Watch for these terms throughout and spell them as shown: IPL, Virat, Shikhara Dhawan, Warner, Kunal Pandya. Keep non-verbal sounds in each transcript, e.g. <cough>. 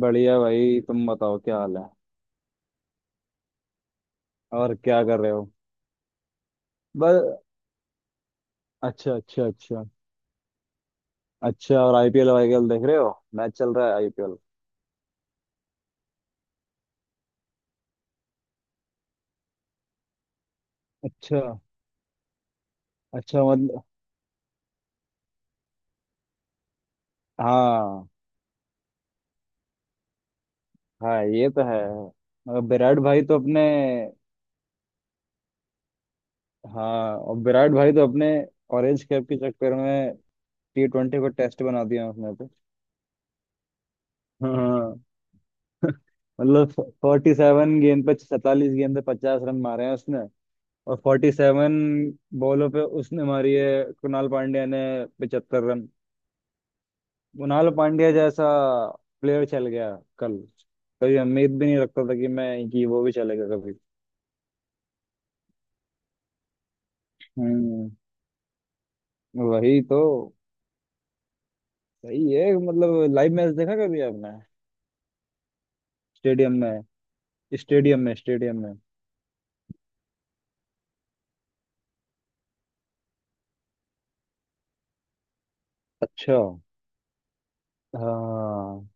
बढ़िया भाई, तुम बताओ क्या हाल है? और क्या कर रहे हो? बस। अच्छा अच्छा अच्छा। अच्छा, और आईपीएल आईपीएल देख रहे हो? मैच चल रहा है आईपीएल। अच्छा अच्छा, मतलब हाँ हाँ ये तो है। मगर विराट भाई तो अपने। हाँ, और विराट भाई तो अपने ऑरेंज कैप के चक्कर में टी ट्वेंटी को टेस्ट बना दिया उसने तो। हाँ। <laughs> मतलब फोर्टी सेवन गेंद पे 47 गेंद पे 50 रन मारे हैं उसने। और 47 बॉलों पे उसने मारी है कुणाल पांड्या ने 75 रन। कुणाल पांड्या जैसा प्लेयर चल गया कल। कभी उम्मीद भी नहीं रखता था कि वो भी चलेगा कभी। हम्म। वही तो। सही है, मतलब लाइव मैच देखा कभी आपने? स्टेडियम में। स्टेडियम में स्टेडियम में। अच्छा। हाँ,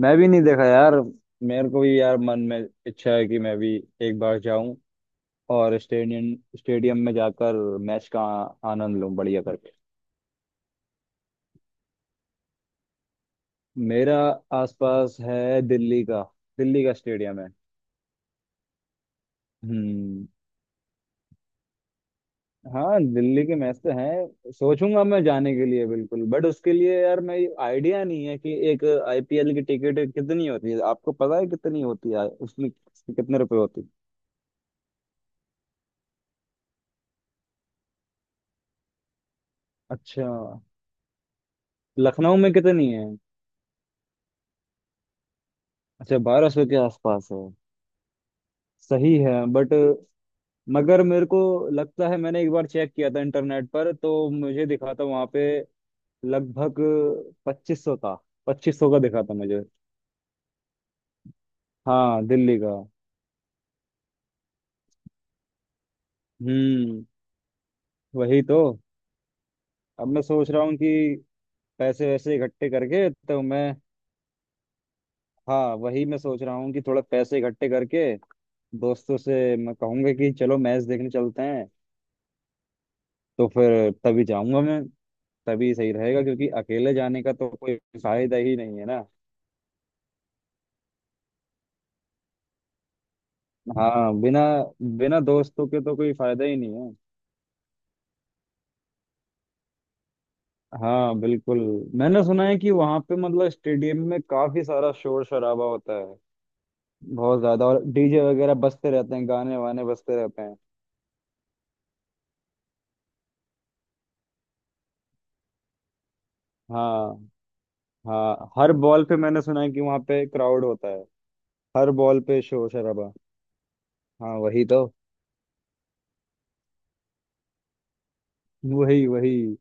मैं भी नहीं देखा यार। मेरे को भी यार मन में इच्छा है कि मैं भी एक बार जाऊं और स्टेडियम स्टेडियम में जाकर मैच का आनंद लूं बढ़िया करके। मेरा आसपास है दिल्ली का। दिल्ली का स्टेडियम है। हम्म। हाँ, दिल्ली के मैच तो हैं, सोचूंगा मैं जाने के लिए बिल्कुल। बट उसके लिए यार मैं आइडिया नहीं है कि एक आईपीएल की टिकट कितनी होती है। आपको पता है कितनी होती है, उसमें कितने रुपए होती है? अच्छा। लखनऊ में कितनी है? अच्छा, 1200 के आसपास है। सही है बट। मगर मेरे को लगता है मैंने एक बार चेक किया था इंटरनेट पर, तो मुझे दिखा था वहां पे लगभग 2500 था। 2500 का दिखा था मुझे। हाँ, दिल्ली का। हम्म। वही तो। अब मैं सोच रहा हूँ कि पैसे वैसे इकट्ठे करके तो मैं। हाँ, वही मैं सोच रहा हूँ कि थोड़ा पैसे इकट्ठे करके दोस्तों से मैं कहूँगा कि चलो मैच देखने चलते हैं। तो फिर तभी जाऊंगा मैं। तभी सही रहेगा क्योंकि अकेले जाने का तो कोई फायदा ही नहीं है ना। हाँ बिना। बिना दोस्तों के तो कोई फायदा ही नहीं है। हाँ, बिल्कुल। मैंने सुना है कि वहां पे, मतलब स्टेडियम में काफी सारा शोर शराबा होता है बहुत ज्यादा। और डीजे वगैरह बजते रहते हैं, गाने वाने बजते रहते हैं। हाँ हाँ। हर बॉल पे मैंने सुना है कि वहां पे क्राउड होता है। हर बॉल पे शोर शराबा। हाँ वही तो। वही वही।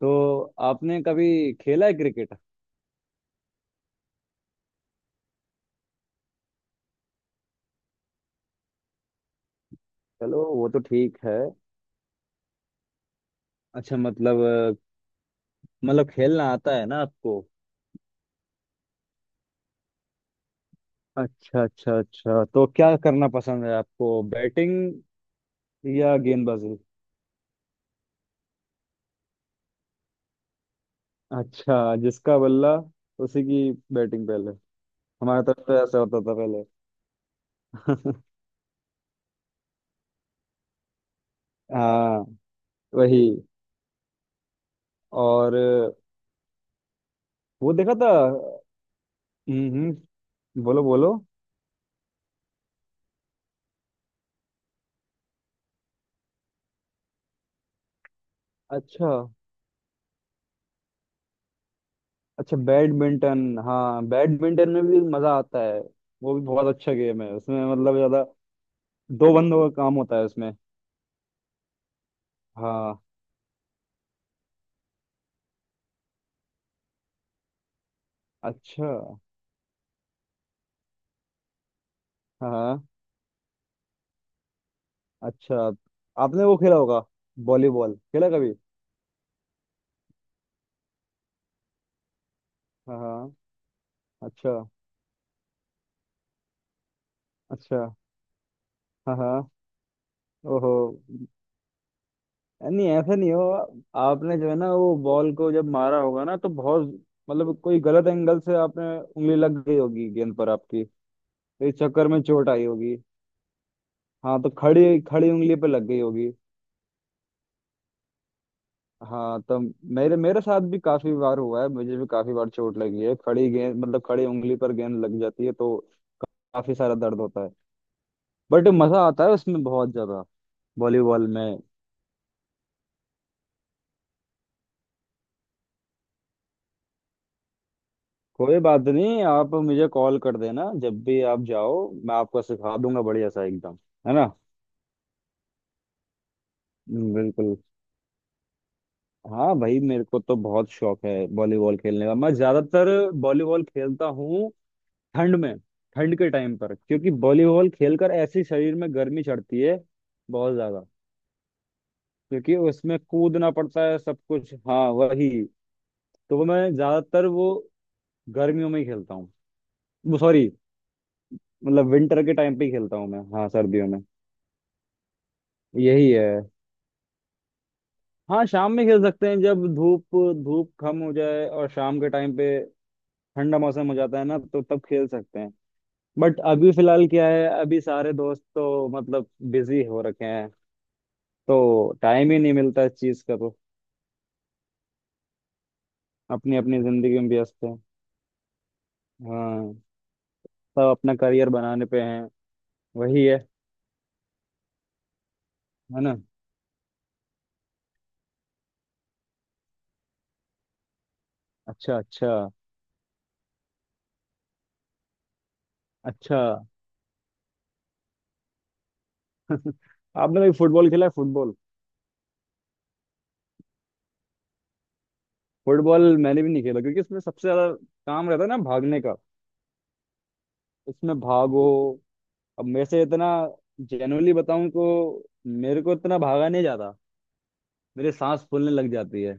तो आपने कभी खेला है क्रिकेट? चलो, वो तो ठीक है। अच्छा, मतलब खेलना आता है ना आपको? अच्छा अच्छा अच्छा, तो क्या करना पसंद है आपको, बैटिंग या गेंदबाजी? अच्छा, जिसका बल्ला उसी की बैटिंग पहले। हमारे तरफ तो ऐसा होता था पहले। <laughs> हाँ। वही और वो देखा था। हम्म हम्म, बोलो बोलो। अच्छा अच्छा, बैडमिंटन? हाँ, बैडमिंटन में भी मजा आता है। वो भी बहुत अच्छा गेम है। उसमें मतलब ज्यादा दो बंदों का काम होता है उसमें। हाँ। अच्छा। हाँ हाँ। अच्छा। आपने वो खेला होगा, वॉलीबॉल खेला कभी? हाँ हाँ। अच्छा अच्छा। हाँ हाँ। ओहो। नहीं, ऐसा नहीं हो। आपने जो है ना वो बॉल को जब मारा होगा ना तो बहुत, मतलब कोई गलत एंगल से आपने उंगली लग गई होगी गेंद पर आपकी। तो इस चक्कर में चोट आई होगी। हाँ, तो खड़ी खड़ी उंगली पे लग गई होगी। हाँ, तो मेरे मेरे साथ भी काफी बार हुआ है। मुझे भी काफी बार चोट लगी है। खड़ी गेंद, मतलब खड़ी उंगली पर गेंद लग जाती है तो काफी सारा दर्द होता है। बट मजा आता है उसमें बहुत ज्यादा, वॉलीबॉल में। कोई बात नहीं, आप मुझे कॉल कर देना जब भी आप जाओ, मैं आपको सिखा दूंगा बढ़िया सा एकदम। है ना। बिल्कुल। हाँ भाई, मेरे को तो बहुत शौक है वॉलीबॉल खेलने का। मैं ज्यादातर वॉलीबॉल खेलता हूँ ठंड में। ठंड के टाइम पर, क्योंकि वॉलीबॉल खेलकर ऐसे शरीर में गर्मी चढ़ती है बहुत ज्यादा। क्योंकि उसमें कूदना पड़ता है सब कुछ। हाँ वही तो। वो मैं ज्यादातर वो गर्मियों में ही खेलता हूँ। वो सॉरी, मतलब विंटर के टाइम पे ही खेलता हूँ मैं। हाँ, सर्दियों में। यही है। हाँ, शाम में खेल सकते हैं जब धूप धूप कम हो जाए और शाम के टाइम पे ठंडा मौसम हो जाता है ना, तो तब खेल सकते हैं। बट अभी फिलहाल क्या है, अभी सारे दोस्त तो मतलब बिजी हो रखे हैं। तो टाइम ही नहीं मिलता इस चीज का। तो अपनी अपनी जिंदगी में व्यस्त है। हाँ, सब अपना करियर बनाने पे हैं। वही है। है ना। अच्छा अच्छा अच्छा। <laughs> आपने कभी फुटबॉल खेला है, फुटबॉल? फुटबॉल मैंने भी नहीं खेला, क्योंकि इसमें सबसे ज्यादा काम रहता है ना भागने का। इसमें भागो। अब मेरे से इतना, जेन्युइनली बताऊं तो मेरे को इतना भागा नहीं जाता। मेरे सांस फूलने लग जाती है।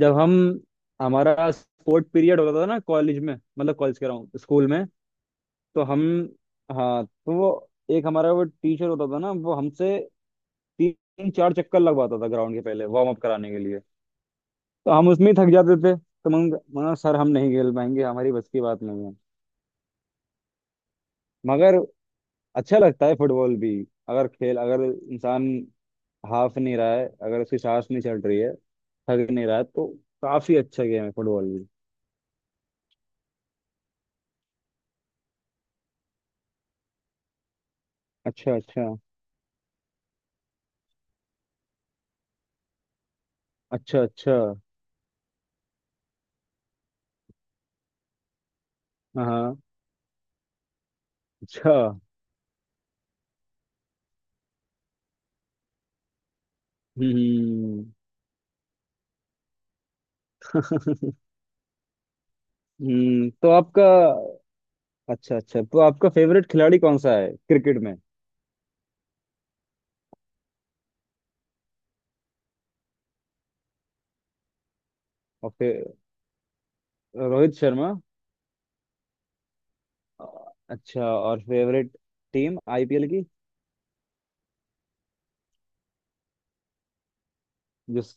जब हम, हमारा स्पोर्ट पीरियड होता था ना कॉलेज में, मतलब कॉलेज कह रहा हूँ, स्कूल में। तो हम, हाँ, तो वो एक हमारा वो टीचर होता था ना, वो हमसे तीन चार चक्कर लगवाता था ग्राउंड के पहले वार्म अप कराने के लिए। तो हम उसमें ही थक जाते थे, तो मैं मना, सर हम नहीं खेल पाएंगे, हमारी बस की बात नहीं है। मगर अच्छा लगता है फुटबॉल भी। अगर इंसान हाफ नहीं रहा है, अगर उसकी सांस नहीं चल रही है, थक नहीं रहा है, तो काफी अच्छा गेम है फुटबॉल भी। अच्छा अच्छा अच्छा अच्छा। हाँ हाँ, अच्छा। हम्म। <laughs> तो आपका अच्छा अच्छा, तो आपका फेवरेट खिलाड़ी कौन सा है क्रिकेट में? और फिर। रोहित शर्मा? अच्छा, और फेवरेट टीम आईपीएल की? जिस।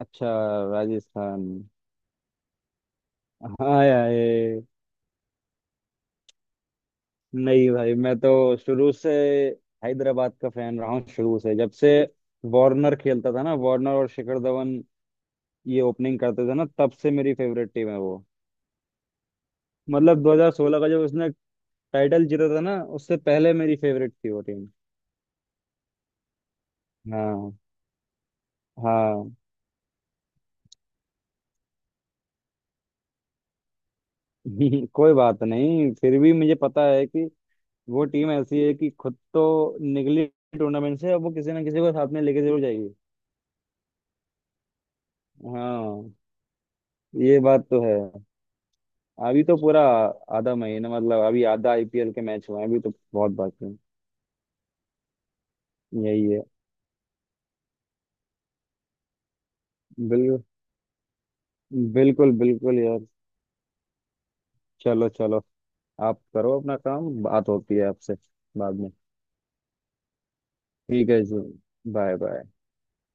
अच्छा। राजस्थान। हाय हाय। नहीं भाई, मैं तो शुरू से हैदराबाद का फैन रहा हूँ, शुरू से जब से वार्नर खेलता था ना, वार्नर और शिखर धवन ये ओपनिंग करते थे ना, तब से मेरी फेवरेट टीम है वो। मतलब 2016 का जब उसने टाइटल जीता था ना, उससे पहले मेरी फेवरेट थी वो टीम। हाँ हाँ। <laughs> कोई बात नहीं, फिर भी मुझे पता है कि वो टीम ऐसी है कि खुद तो निकली टूर्नामेंट से, अब वो किसी ना किसी को साथ में लेके जरूर जाएगी। हाँ। ये बात तो है। अभी तो पूरा आधा महीना, मतलब अभी आधा आईपीएल के मैच हुए हैं, अभी तो बहुत बाकी है। यही है। बिल्कुल बिल्कुल बिल्कुल यार। चलो चलो। आप करो अपना काम, बात होती है आपसे बाद में। ठीक है जी। Bye bye.